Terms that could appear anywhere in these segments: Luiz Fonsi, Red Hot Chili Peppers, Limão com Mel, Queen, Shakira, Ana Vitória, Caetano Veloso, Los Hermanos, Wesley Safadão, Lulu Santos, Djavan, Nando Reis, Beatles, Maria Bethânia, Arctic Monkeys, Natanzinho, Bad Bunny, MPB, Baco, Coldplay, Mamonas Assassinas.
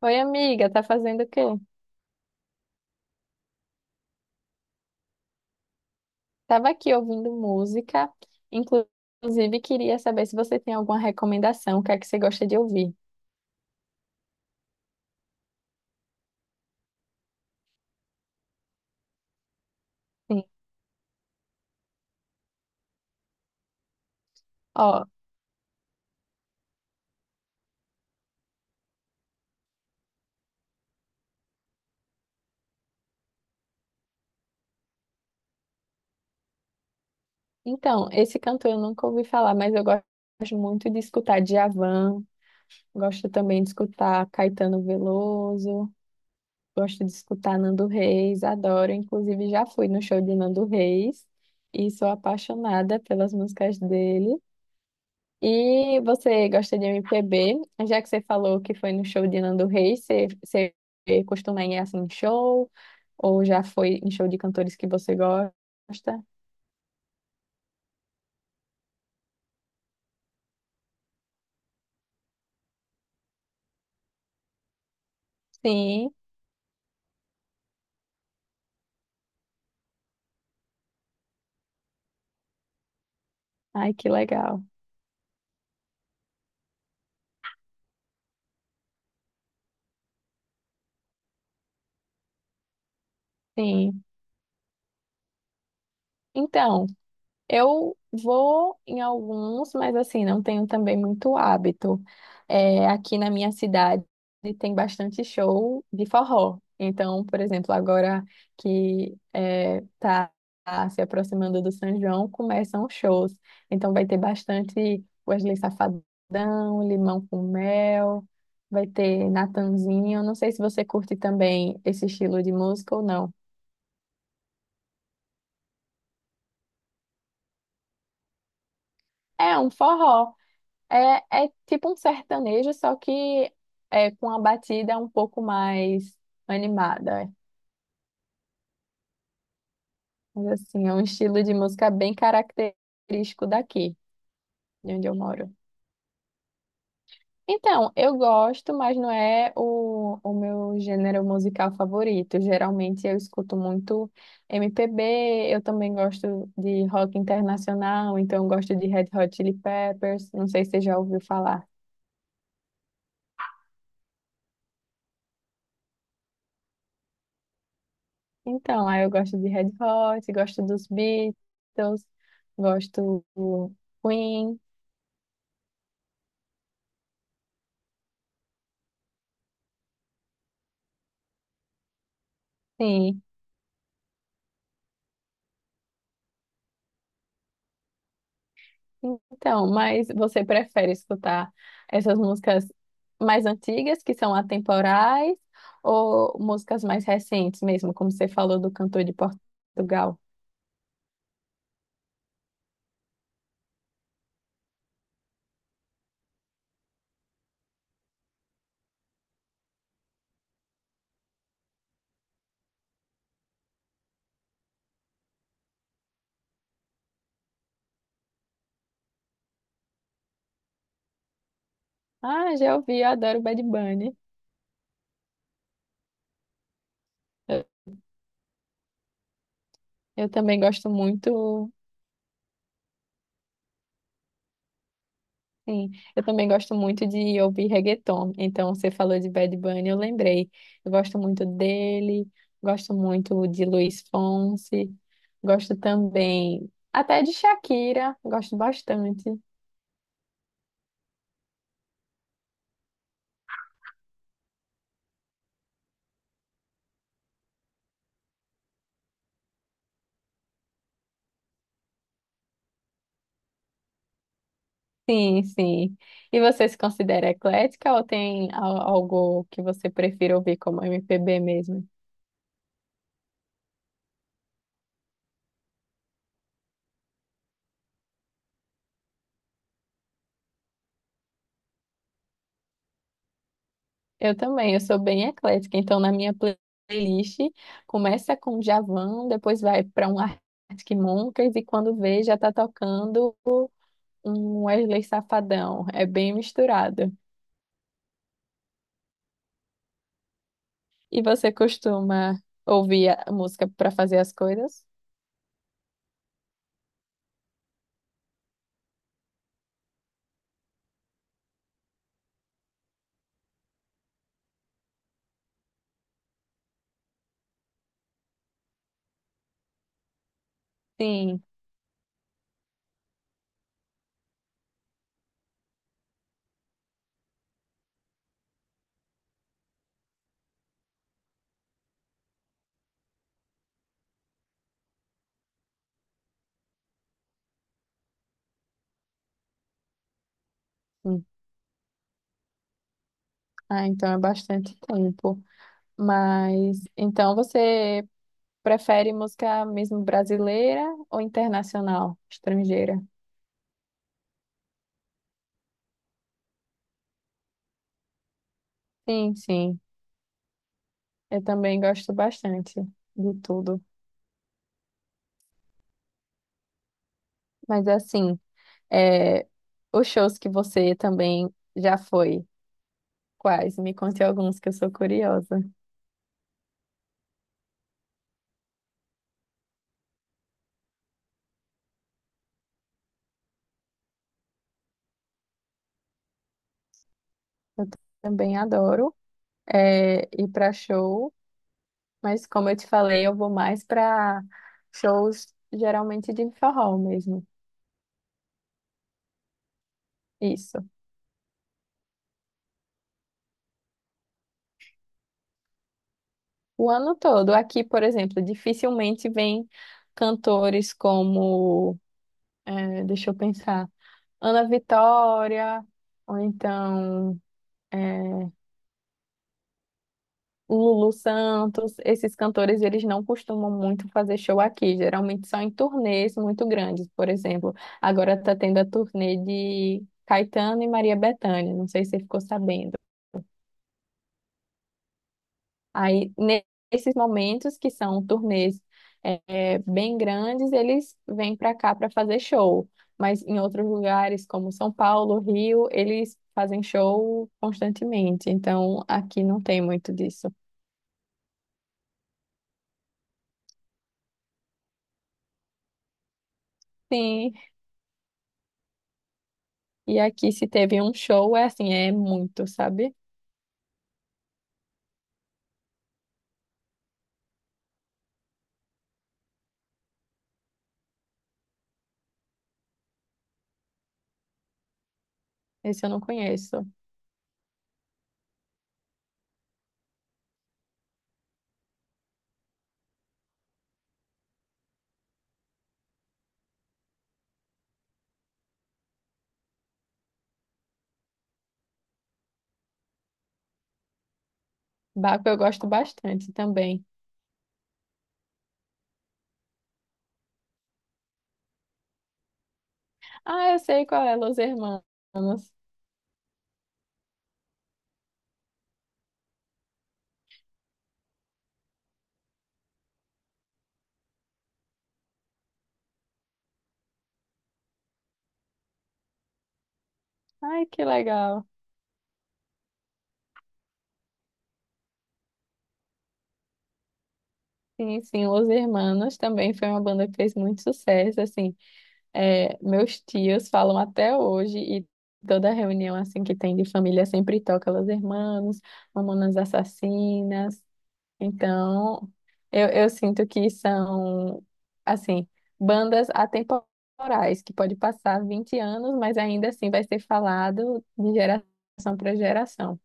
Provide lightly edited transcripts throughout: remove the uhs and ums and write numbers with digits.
Oi, amiga, tá fazendo o quê? Tava aqui ouvindo música, inclusive queria saber se você tem alguma recomendação, o que é que você gosta de ouvir. Sim. Ó, então, esse cantor eu nunca ouvi falar, mas eu gosto muito de escutar Djavan, gosto também de escutar Caetano Veloso, gosto de escutar Nando Reis, adoro, inclusive já fui no show de Nando Reis e sou apaixonada pelas músicas dele. E você gosta de MPB? Já que você falou que foi no show de Nando Reis, você costuma ir assim em show? Ou já foi em show de cantores que você gosta? Sim. Ai, que legal. Sim. Então, eu vou em alguns, mas assim, não tenho também muito hábito. É, aqui na minha cidade tem bastante show de forró. Então, por exemplo, agora que é, tá se aproximando do São João, começam os shows. Então vai ter bastante Wesley Safadão, Limão com Mel, vai ter Natanzinho. Não sei se você curte também esse estilo de música ou não. É um forró. É, é tipo um sertanejo, só que é com a batida um pouco mais animada. Mas assim, é um estilo de música bem característico daqui, de onde eu moro. Então, eu gosto, mas não é o meu gênero musical favorito. Geralmente eu escuto muito MPB, eu também gosto de rock internacional, então eu gosto de Red Hot Chili Peppers, não sei se você já ouviu falar. Então, aí eu gosto de Red Hot, gosto dos Beatles, gosto do Queen. Sim. Então, mas você prefere escutar essas músicas mais antigas, que são atemporais, ou músicas mais recentes mesmo, como você falou do cantor de Portugal? Ah, já ouvi, eu adoro Bad Bunny. Eu, eu também gosto muito. Sim, eu também gosto muito de ouvir reggaeton. Então, você falou de Bad Bunny, eu lembrei. Eu gosto muito dele, gosto muito de Luiz Fonsi, gosto também até de Shakira, gosto bastante. Sim, sim. E você se considera eclética ou tem algo que você prefira ouvir como MPB mesmo? Eu também, eu sou bem eclética, então na minha playlist começa com Djavan, depois vai para um Arctic Monkeys e quando vê já tá tocando um Wesley Safadão, é bem misturado. E você costuma ouvir a música para fazer as coisas? Sim. Sim. Ah, então é bastante tempo. Mas então você prefere música mesmo brasileira ou internacional, estrangeira? Sim, sim. Eu também gosto bastante de tudo. Mas assim, é, os shows que você também já foi, quais? Me conte alguns que eu sou curiosa. Eu também adoro, é, ir para show, mas como eu te falei, eu vou mais para shows geralmente de forró mesmo. Isso. O ano todo. Aqui, por exemplo, dificilmente vem cantores como, é, deixa eu pensar, Ana Vitória, ou então, é, Lulu Santos. Esses cantores, eles não costumam muito fazer show aqui, geralmente são em turnês muito grandes. Por exemplo, agora está tendo a turnê de Caetano e Maria Bethânia, não sei se você ficou sabendo. Aí, nesses momentos que são turnês, bem grandes, eles vêm para cá para fazer show, mas em outros lugares, como São Paulo, Rio, eles fazem show constantemente, então aqui não tem muito disso. Sim. E aqui, se teve um show, é assim, é muito, sabe? Esse eu não conheço. Baco eu gosto bastante também. Ah, eu sei qual é, Los Hermanos. Ai, que legal. Sim, sim, Los Hermanos também foi uma banda que fez muito sucesso, assim. É, meus tios falam até hoje e toda reunião, assim, que tem de família sempre toca Los Hermanos, Mamonas Assassinas. Então, eu sinto que são, assim, bandas atemporais, que pode passar 20 anos, mas ainda assim vai ser falado de geração para geração.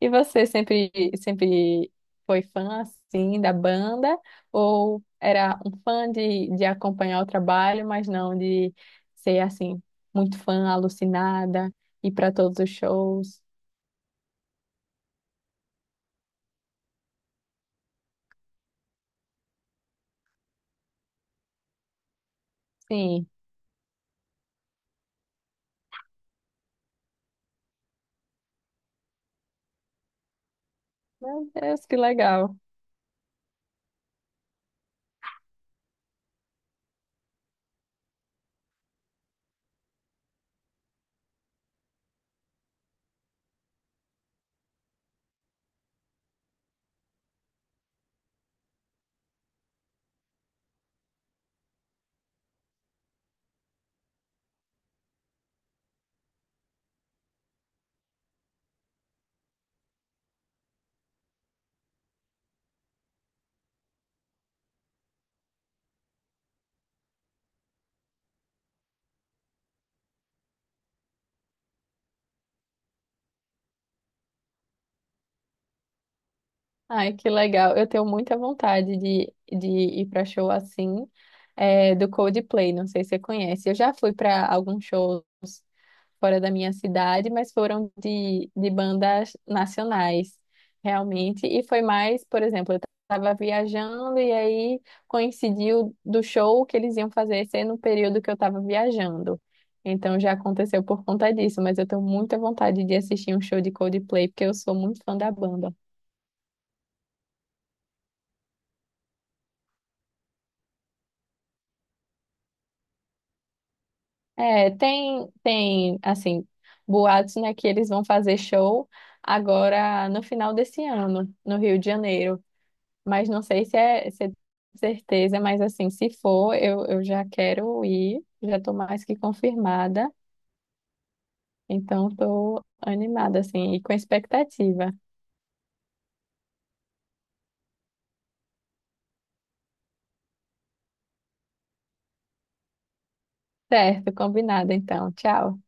E você sempre, sempre foi fã, assim, da banda? Ou era um fã de acompanhar o trabalho, mas não de ser, assim, muito fã, alucinada, ir para todos os shows? Sim, meu Deus, que legal. Ai, que legal. Eu tenho muita vontade de ir para show assim, é, do Coldplay. Não sei se você conhece. Eu já fui para alguns shows fora da minha cidade, mas foram de bandas nacionais, realmente. E foi mais, por exemplo, eu estava viajando e aí coincidiu do show que eles iam fazer ser no período que eu estava viajando. Então já aconteceu por conta disso, mas eu tenho muita vontade de assistir um show de Coldplay, porque eu sou muito fã da banda. É, assim, boatos, né, que eles vão fazer show agora no final desse ano, no Rio de Janeiro. Mas não sei se é, se é certeza, mas assim, se for, eu já quero ir, já tô mais que confirmada. Então, tô animada, assim, e com expectativa. Certo, combinado, então. Tchau.